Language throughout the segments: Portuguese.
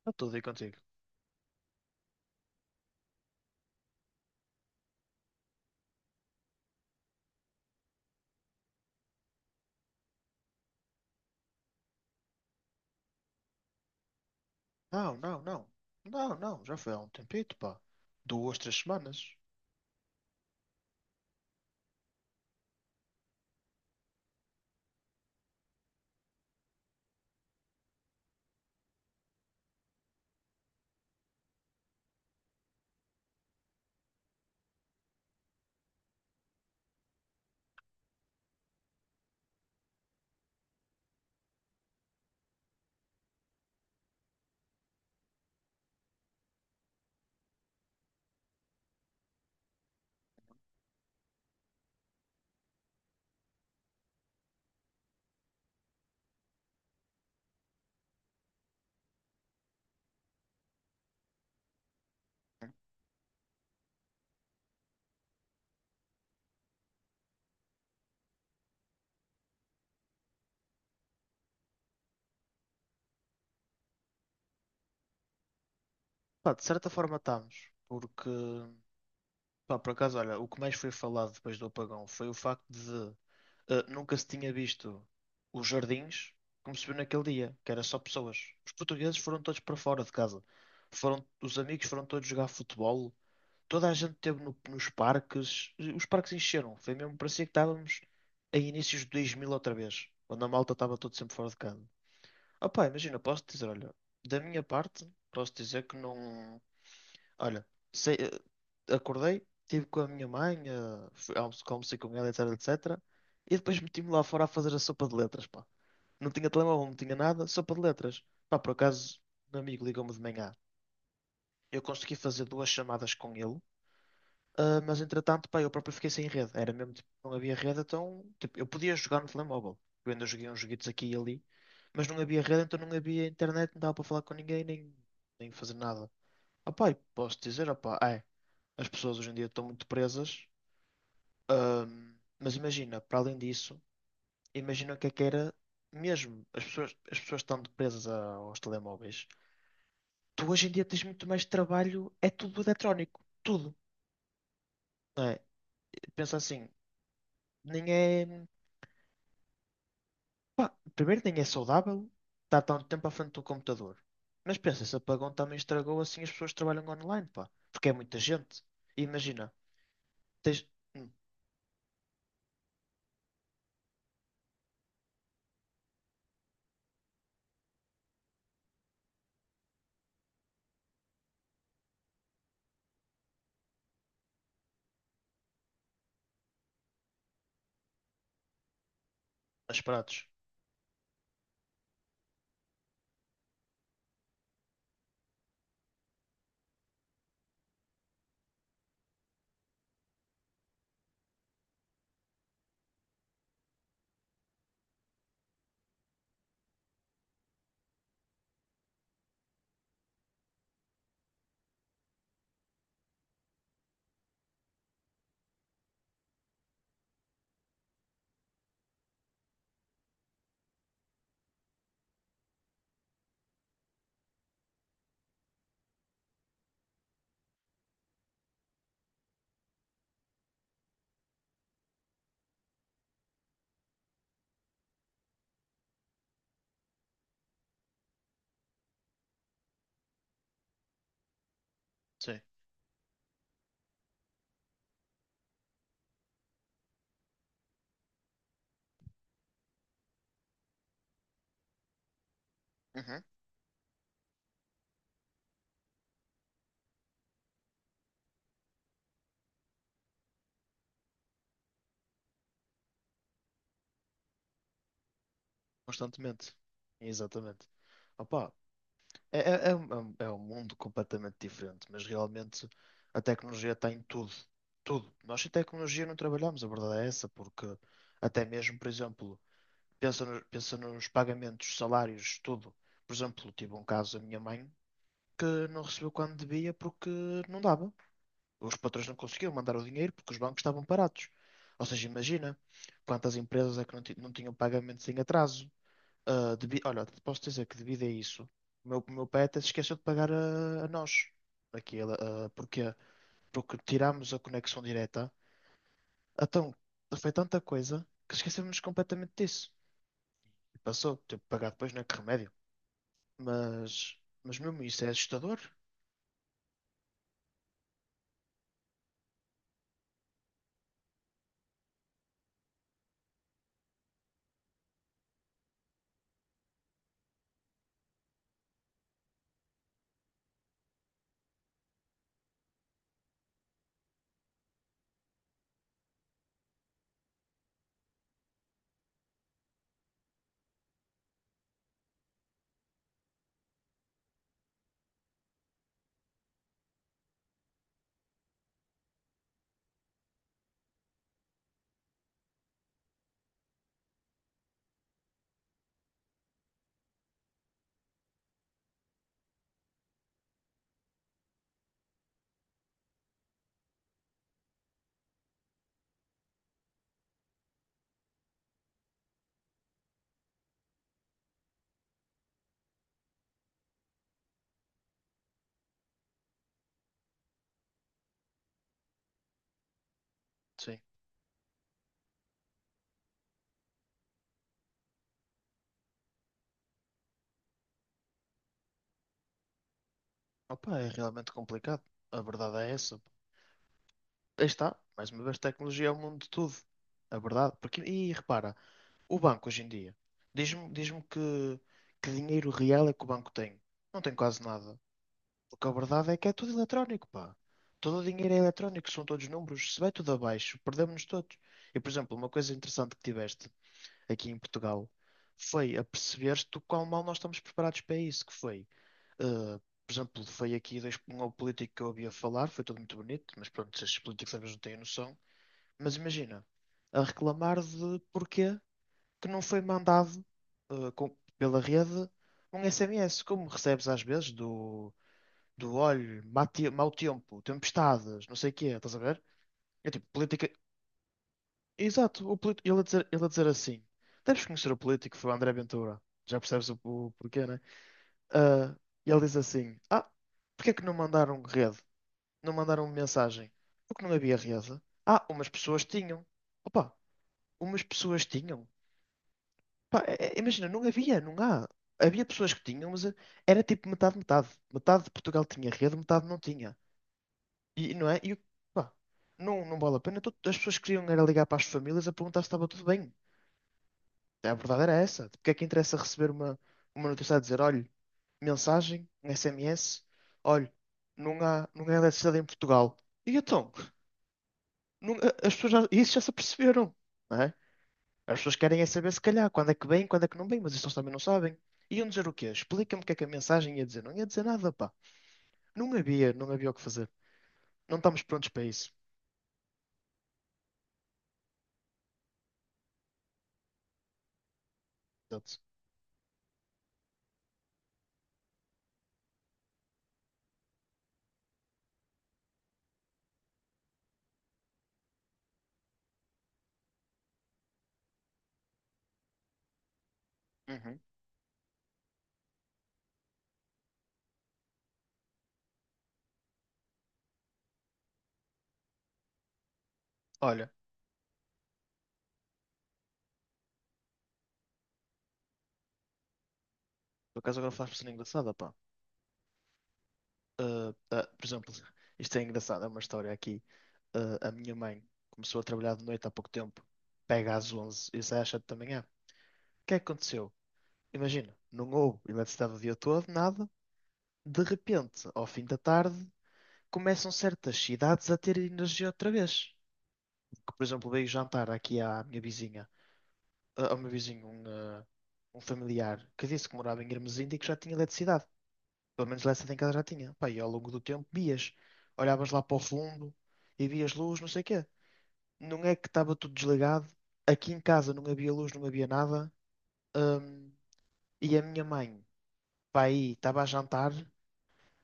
Está tudo aí contigo. Não, não, não. Não, não. Já foi há um tempito, pá. Duas, três semanas. Pá, de certa forma estamos. Porque Pá, por acaso, olha, o que mais foi falado depois do apagão foi o facto de nunca se tinha visto os jardins como se viu naquele dia, que era só pessoas. Os portugueses foram todos para fora de casa. Os amigos foram todos jogar futebol. Toda a gente esteve nos parques. Os parques encheram. Foi mesmo, parecia que estávamos em inícios de 2000 outra vez, quando a malta estava todo sempre fora de casa. Opá, imagina, posso dizer, olha, da minha parte, posso dizer que não. Olha, sei- acordei, estive com a minha mãe, almocei com ela, etc, etc. E depois meti-me lá fora a fazer a sopa de letras, pá. Não tinha telemóvel, não tinha nada, sopa de letras. Pá, por acaso, um amigo ligou-me de manhã. Eu consegui fazer duas chamadas com ele, mas entretanto, pá, eu próprio fiquei sem rede. Era mesmo, tipo, não havia rede, então, tipo, eu podia jogar no telemóvel. Eu ainda joguei uns joguitos aqui e ali, mas não havia rede, então não havia internet, não dava para falar com ninguém, nem, nem fazer nada. Ah, pá, e posso dizer, ah, pá, é. As pessoas hoje em dia estão muito presas. Mas imagina, para além disso, imagina o que é que era mesmo. As pessoas estão presas aos telemóveis. Tu hoje em dia tens muito mais trabalho, é tudo eletrónico. Tudo, não é? Pensa assim, nem é. Pá, primeiro, nem é saudável estar tanto tempo à frente do computador. Mas pensa, esse apagão também estragou assim as pessoas que trabalham online, pá. Porque é muita gente. E imagina, tens. Hum, as pratos. Sim. Uhum. Constantemente. Exatamente. Opa, é, é, é, um, é um é um mundo completamente diferente, mas realmente a tecnologia está em tudo. Tudo. Nós sem tecnologia não trabalhamos, a verdade é essa, porque até mesmo, por exemplo, pensa, pensa nos pagamentos, salários, tudo. Por exemplo, tive um caso da minha mãe que não recebeu quando devia porque não dava. Os patrões não conseguiam mandar o dinheiro porque os bancos estavam parados. Ou seja, imagina quantas empresas é que não, não tinham pagamentos em atraso. Ah, Olha, posso dizer que devido a isso, o meu pai até se esqueceu de pagar a nós. Aquilo, ah, porquê? Porque tirámos a conexão direta. Então, foi tanta coisa que esquecemos completamente disso. E passou, teve que pagar depois, não é que remédio. Mas, mas mesmo isso é assustador. Sim. Opa, é realmente complicado. A verdade é essa. Aí está, mais uma vez, tecnologia é o mundo de tudo. A verdade. Porque, e repara, o banco hoje em dia, diz-me que dinheiro real é que o banco tem. Não tem quase nada. Porque a verdade é que é tudo eletrónico, pá. Todo o dinheiro é eletrónico, são todos números. Se vai tudo abaixo, perdemos-nos todos. E, por exemplo, uma coisa interessante que tiveste aqui em Portugal foi a perceber te o quão mal nós estamos preparados para isso, que foi, eh, por exemplo, foi aqui dois, um político que eu ouvia falar, foi tudo muito bonito, mas pronto, estes políticos às vezes não têm noção. Mas imagina, a reclamar de porquê? Que não foi mandado pela rede um SMS, como recebes às vezes do, do olho, mau tempo, tempestades, não sei o quê, estás a ver? É tipo, política. Exato, ele a dizer assim: deves conhecer o político, foi o André Ventura. Já percebes o porquê, né? Ah, e ele diz assim: Ah, porque é que não mandaram rede? Não mandaram mensagem? Porque não havia rede? Ah, umas pessoas tinham. Opa, umas pessoas tinham. Pá, imagina, não havia, não há. Havia pessoas que tinham, mas era tipo metade, metade. Metade de Portugal tinha rede, metade não tinha. E não é? E o- pá, não, não vale a pena. Todo- As pessoas queriam era ligar para as famílias a perguntar se estava tudo bem. A verdade era essa. Porque é que interessa receber uma, notícia a dizer, olha, mensagem, um SMS, olha, não há, não há eletricidade em Portugal. E então, as pessoas já, isso já se aperceberam, não é? As pessoas querem é saber, se calhar, quando é que vem, quando é que não vem, mas isso eles também não sabem. Iam dizer o quê? Explica-me o que é que a mensagem ia dizer. Não ia dizer nada, pá. Não havia, não havia o que fazer. Não estamos prontos para isso. Portanto. Uhum. Olha, por acaso agora falaste uma engraçada, pá. Ah, ah, por exemplo, isto é engraçado, é uma história aqui. Ah, a minha mãe começou a trabalhar de noite há pouco tempo. Pega às 11 e sai às 7 da manhã. O que é que aconteceu? Imagina, não houve eletricidade o dia todo, nada. De repente, ao fim da tarde, começam certas cidades a ter energia outra vez. Que, por exemplo, veio jantar aqui à minha vizinha, ao meu vizinho, um familiar que disse que morava em Hermesinda e que já tinha eletricidade. Pelo menos lá em casa já tinha. Pá, e ao longo do tempo vias, olhavas lá para o fundo e vias luz, não sei o quê. Não é que estava tudo desligado. Aqui em casa não havia luz, não havia nada. Hum, e a minha mãe, pá, aí estava a jantar,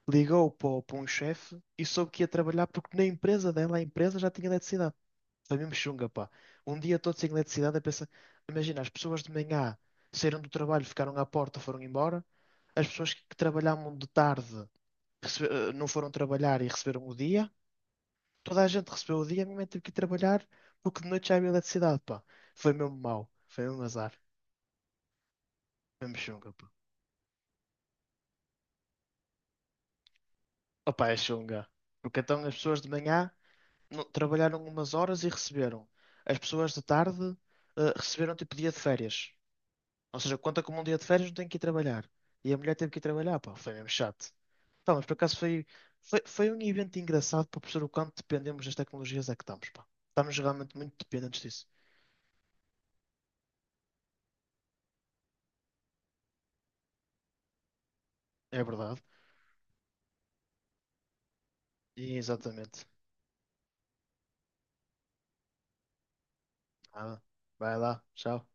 ligou para, para um chefe e soube que ia trabalhar porque na empresa dela, a empresa já tinha eletricidade. Foi mesmo chunga, pá. Um dia todo sem eletricidade, a pensar. Imagina, as pessoas de manhã saíram do trabalho, ficaram à porta, foram embora. As pessoas que trabalhavam de tarde não foram trabalhar e receberam o dia. Toda a gente recebeu o dia, a minha mãe teve que ir trabalhar porque de noite já havia eletricidade, pá. Foi mesmo mau, foi mesmo azar. Foi mesmo chunga, pá. Opa, é chunga. Porque então as pessoas de manhã trabalharam umas horas e receberam. As pessoas de tarde receberam tipo dia de férias. Ou seja, conta como um dia de férias, não tenho que ir trabalhar. E a mulher teve que ir trabalhar, pá, foi mesmo chato. Pá, mas por acaso foi, foi um evento engraçado para perceber o quanto dependemos das tecnologias é que estamos, pá. Estamos realmente muito dependentes disso. É verdade. E exatamente. Nada. Vai lá, tchau.